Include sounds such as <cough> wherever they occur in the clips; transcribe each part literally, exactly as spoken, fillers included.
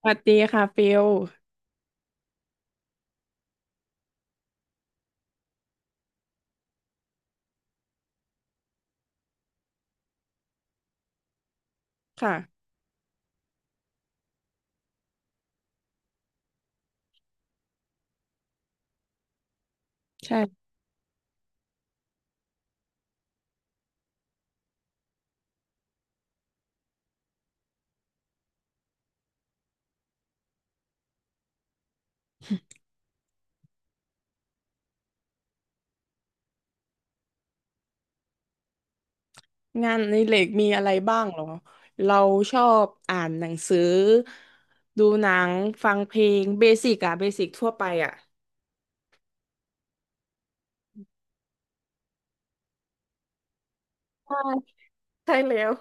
สวัสดีค่ะฟิลค่ะใช่งานในเหล็กมีอะไรบ้างเหรอเราชอบอ่านหนังสือดูหนังฟังเพลงเบสิกอะเบสิกทั่วไปอะใช่ใช่แล้ว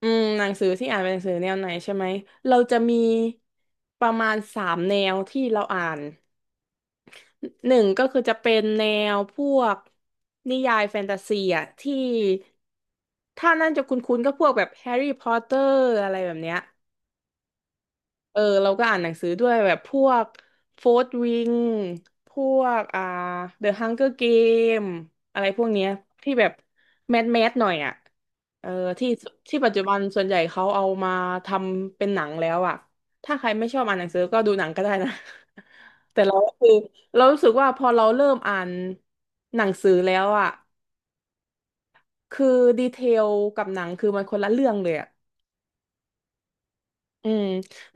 อืมหนังสือที่อ่านเป็นหนังสือแนวไหนใช่ไหมเราจะมีประมาณสามแนวที่เราอ่านหนึ่งก็คือจะเป็นแนวพวกนิยายแฟนตาซีอะที่ถ้านั่นจะคุ้นๆก็พวกแบบแฮร์รี่พอตเตอร์อะไรแบบเนี้ย เออเราก็อ่านหนังสือด้วยแบบพวกโฟร์ w วิงพวกอ่าเดอะฮังเกอร์เกมอะไรพวกเนี้ยที่แบบแมสแมสหน่อยอ่ะเออที่ที่ปัจจุบันส่วนใหญ่เขาเอามาทำเป็นหนังแล้วอ่ะถ้าใครไม่ชอบอ่านหนังสือก็ดูหนังก็ได้นะ <laughs> แต่เราก็คือเรารู้สึกว่าพอเราเริ่มอ่านหนังสือแล้วอ่ะคือดีเทลกับหนังคือมันคนละเรื่องเลยอ่ะ อืม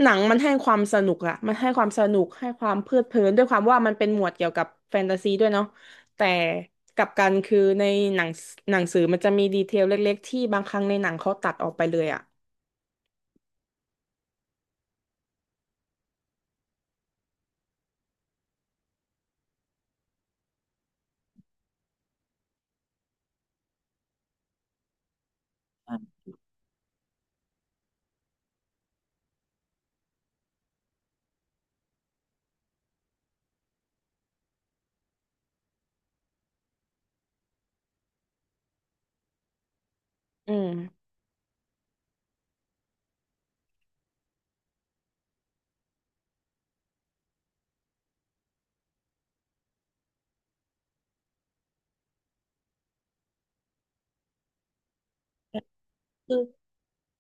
หนังมันให้ความสนุกอะมันให้ความสนุกให้ความเพลิดเพลินด้วยความว่ามันเป็นหมวดเกี่ยวกับแฟนตาซีด้วยเนาะแต่กลับกันคือในหนังหนังสือมันจะมีดีเทลเล็กๆที่บางครั้งในหนังเขาตัดออกไปเลยอะอืม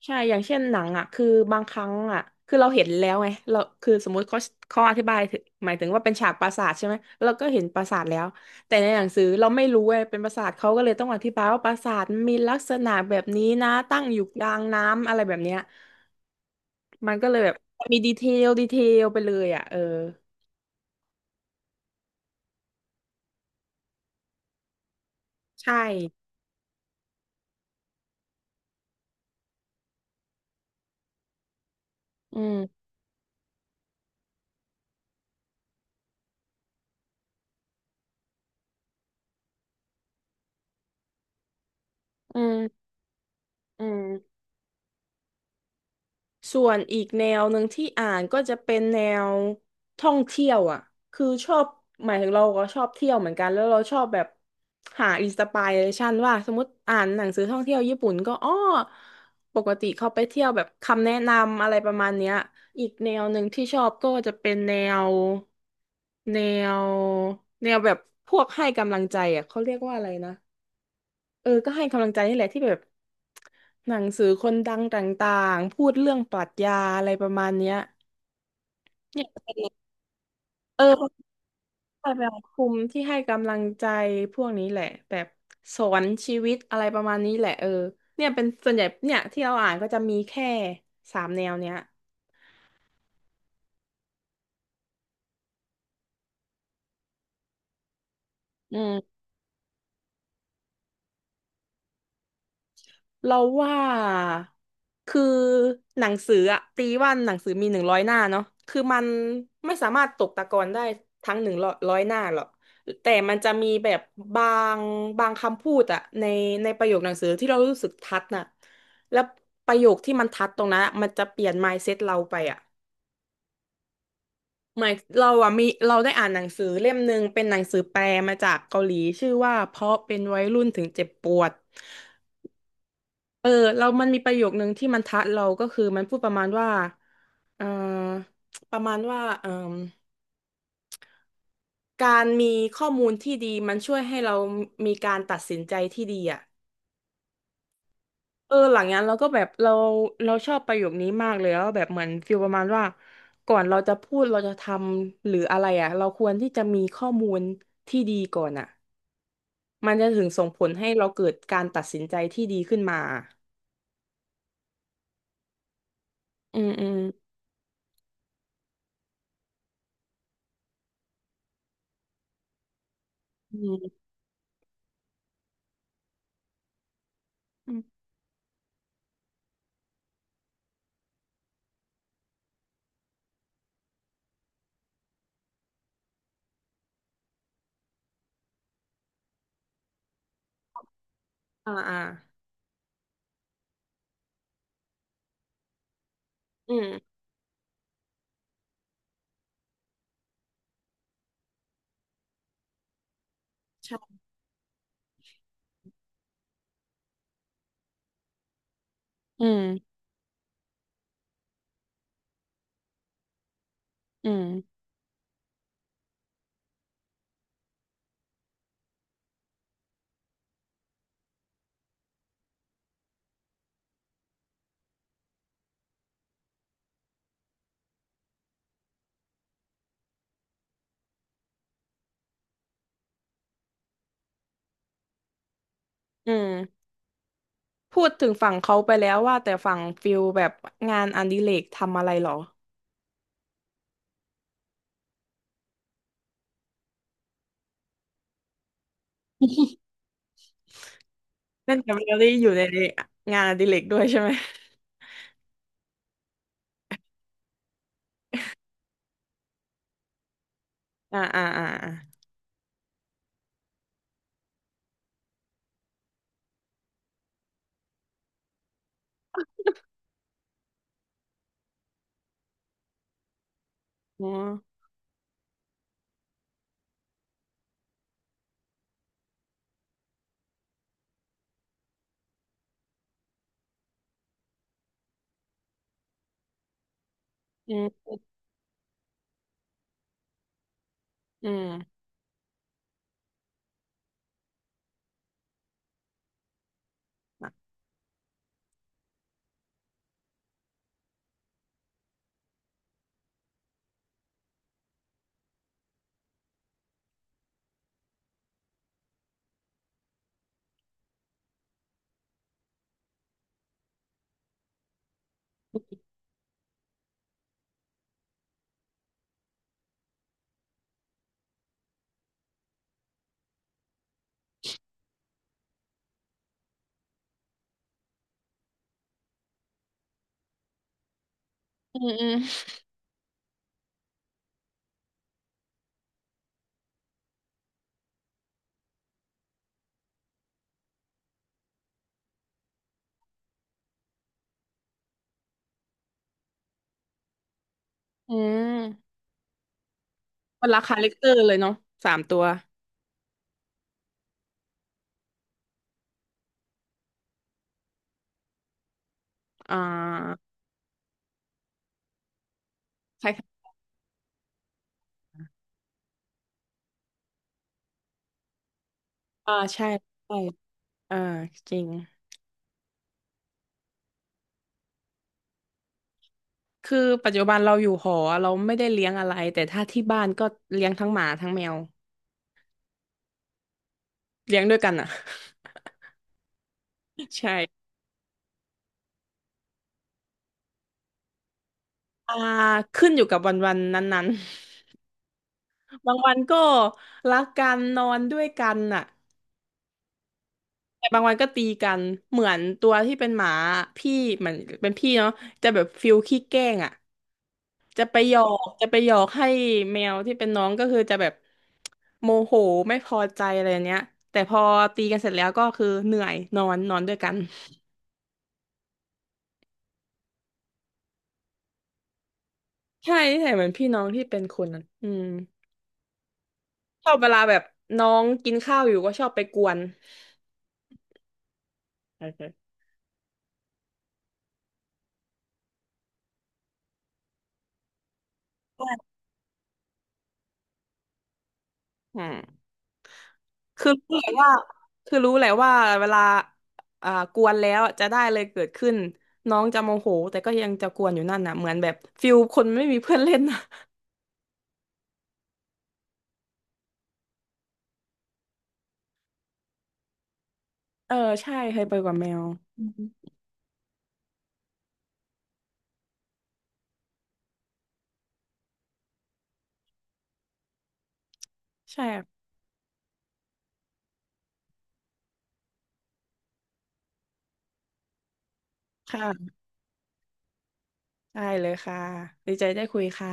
ใช่อย่างเช่นหนังอ่ะ คือบางครั้งอ่ะ คือเราเห็นแล้วไงเราคือสมมุติเขาเขาอธิบายถึงหมายถึงว่าเป็นฉากปราสาทใช่ไหมเราก็เห็นปราสาทแล้ว แต่ในหนังสือเราไม่รู้ไงเป็นปราสาทเขาก็เลยต้องอธิบายว่าปราสาทมีลักษณะแบบนี้นะตั้งอยู่กลางน้ำอะไรแบบเนี้ยมันก็เลยแบบมีดีเทลดีเทลไปเลยอ่ะเออใช่ อืมอืมอืม ส่วนอีกแนวหนึ่งที่อ่านก็จะเป็นแนวท่องเที่ยวอ่ะคือชอบหมายถึงเราก็ชอบเที่ยวเหมือนกันแล้วเราชอบแบบหาอินสปิเรชันว่าสมมติอ่านหนังสือท่องเที่ยวญี่ปุ่นก็อ้อปกติเขาไปเที่ยวแบบคำแนะนำอะไรประมาณเนี้ยอีกแนวหนึ่งที่ชอบก็จะเป็นแนวแนวแนวแบบพวกให้กำลังใจอ่ะเขาเรียกว่าอะไรนะ เออก็ให้กำลังใจนี่แหละที่แบบหนังสือคนดังต่างๆพูดเรื่องปรัชญาอะไรประมาณเนี้ยเนี่ยเป็นเออพวกแบบคุมที่ให้กำลังใจพวกนี้แหละแบบสอนชีวิตอะไรประมาณนี้แหละเออเนี่ยเป็นส่วนใหญ่เนี่ยที่เราอ่านก็จะมีแค่สามแนวเนี้ยอืม เราว่าคือหนังสืออะตีว่าหนังสือมีหนึ่งร้อยหน้าเนาะคือมันไม่สามารถตกตะกอนได้ทั้งหนึ่งร้อยหน้าหรอกแต่มันจะมีแบบบางบางคำพูดอะในในประโยคหนังสือที่เรารู้สึกทัดน่ะแล้วประโยคที่มันทัดตรงนั้นอะมันจะเปลี่ยน mindset เราไปอะหมายเราอะมีเราได้อ่านหนังสือเล่มหนึ่งเป็นหนังสือแปลมาจากเกาหลีชื่อว่าเพราะเป็นวัยรุ่นถึงเจ็บปวด เออเรามันมีประโยคนึงที่มันทัดเราก็คือมันพูดประมาณว่าเอ่อประมาณว่าเอ่อการมีข้อมูลที่ดีมันช่วยให้เรามีการตัดสินใจที่ดีอ่ะเออหลังนั้นเราก็แบบเราเราชอบประโยคนี้มากเลยแล้วแบบเหมือนฟีลประมาณว่าก่อนเราจะพูดเราจะทำหรืออะไรอ่ะเราควรที่จะมีข้อมูลที่ดีก่อนอ่ะมันจะถึงส่งผลให้เราเกิดการตัดสินใจที่ดีขึ้นมาอืมอืมอืมอมอ่าอ่าอืมใช่ อืมอืมอืมพูดถึงฝั่งเขาไปแล้วว่าแต่ฝั่งฟิลแบบงานอดิเรกทำอะไรหรอเล่นกับเรลลี่อยู่ในงานอดิเรกด้วยใช่ไหมอ่าอ่าอ่าอ่าอ๋ออืมอืมอืมอืมอืมมนละคาแรคเตอร์เลยเนาะสามตัวอ่าใช่อ่าใช่ใช่เออจริงคือปัจจุบันเราอยู่หอเราไม่ได้เลี้ยงอะไรแต่ถ้าที่บ้านก็เลี้ยงทั้งหมาทั้งแมวเลี้ยงด้วยกันอ่ะ <laughs> ใช่ อ่าขึ้นอยู่กับวันวันนั้นๆ <laughs> บางวันก็รักกันนอนด้วยกันน่ะแต่บางวันก็ตีกันเหมือนตัวที่เป็นหมาพี่เหมือนเป็นพี่เนาะจะแบบฟิลขี้แกล้งอ่ะจะไปหยอกจะไปหยอกให้แมวที่เป็นน้องก็คือจะแบบโมโหไม่พอใจอะไรเนี้ยแต่พอตีกันเสร็จแล้วก็คือเหนื่อยนอนนอนด้วยกันใช่ใช่เหมือนพี่น้องที่เป็นคนนั้นอืมชอบเวลาแบบน้องกินข้าวอยู่ก็ชอบไปกวนใช่ใช่อืม คือรู้แหละว่าคือรู้แหละว่าเวลาอ่ากวนแล้วจะได้เลยเกิดขึ้นน้องจะโมโหแต่ก็ยังจะกวนอยู่นั่นน่ะเหมือนแบบฟิลคนไม่มีเพื่อนเล่นน่ะ <laughs> เออใช่เคยไปกับแมวอืมใช่ค่ะได้เลยค่ะดีใจได้คุยค่ะ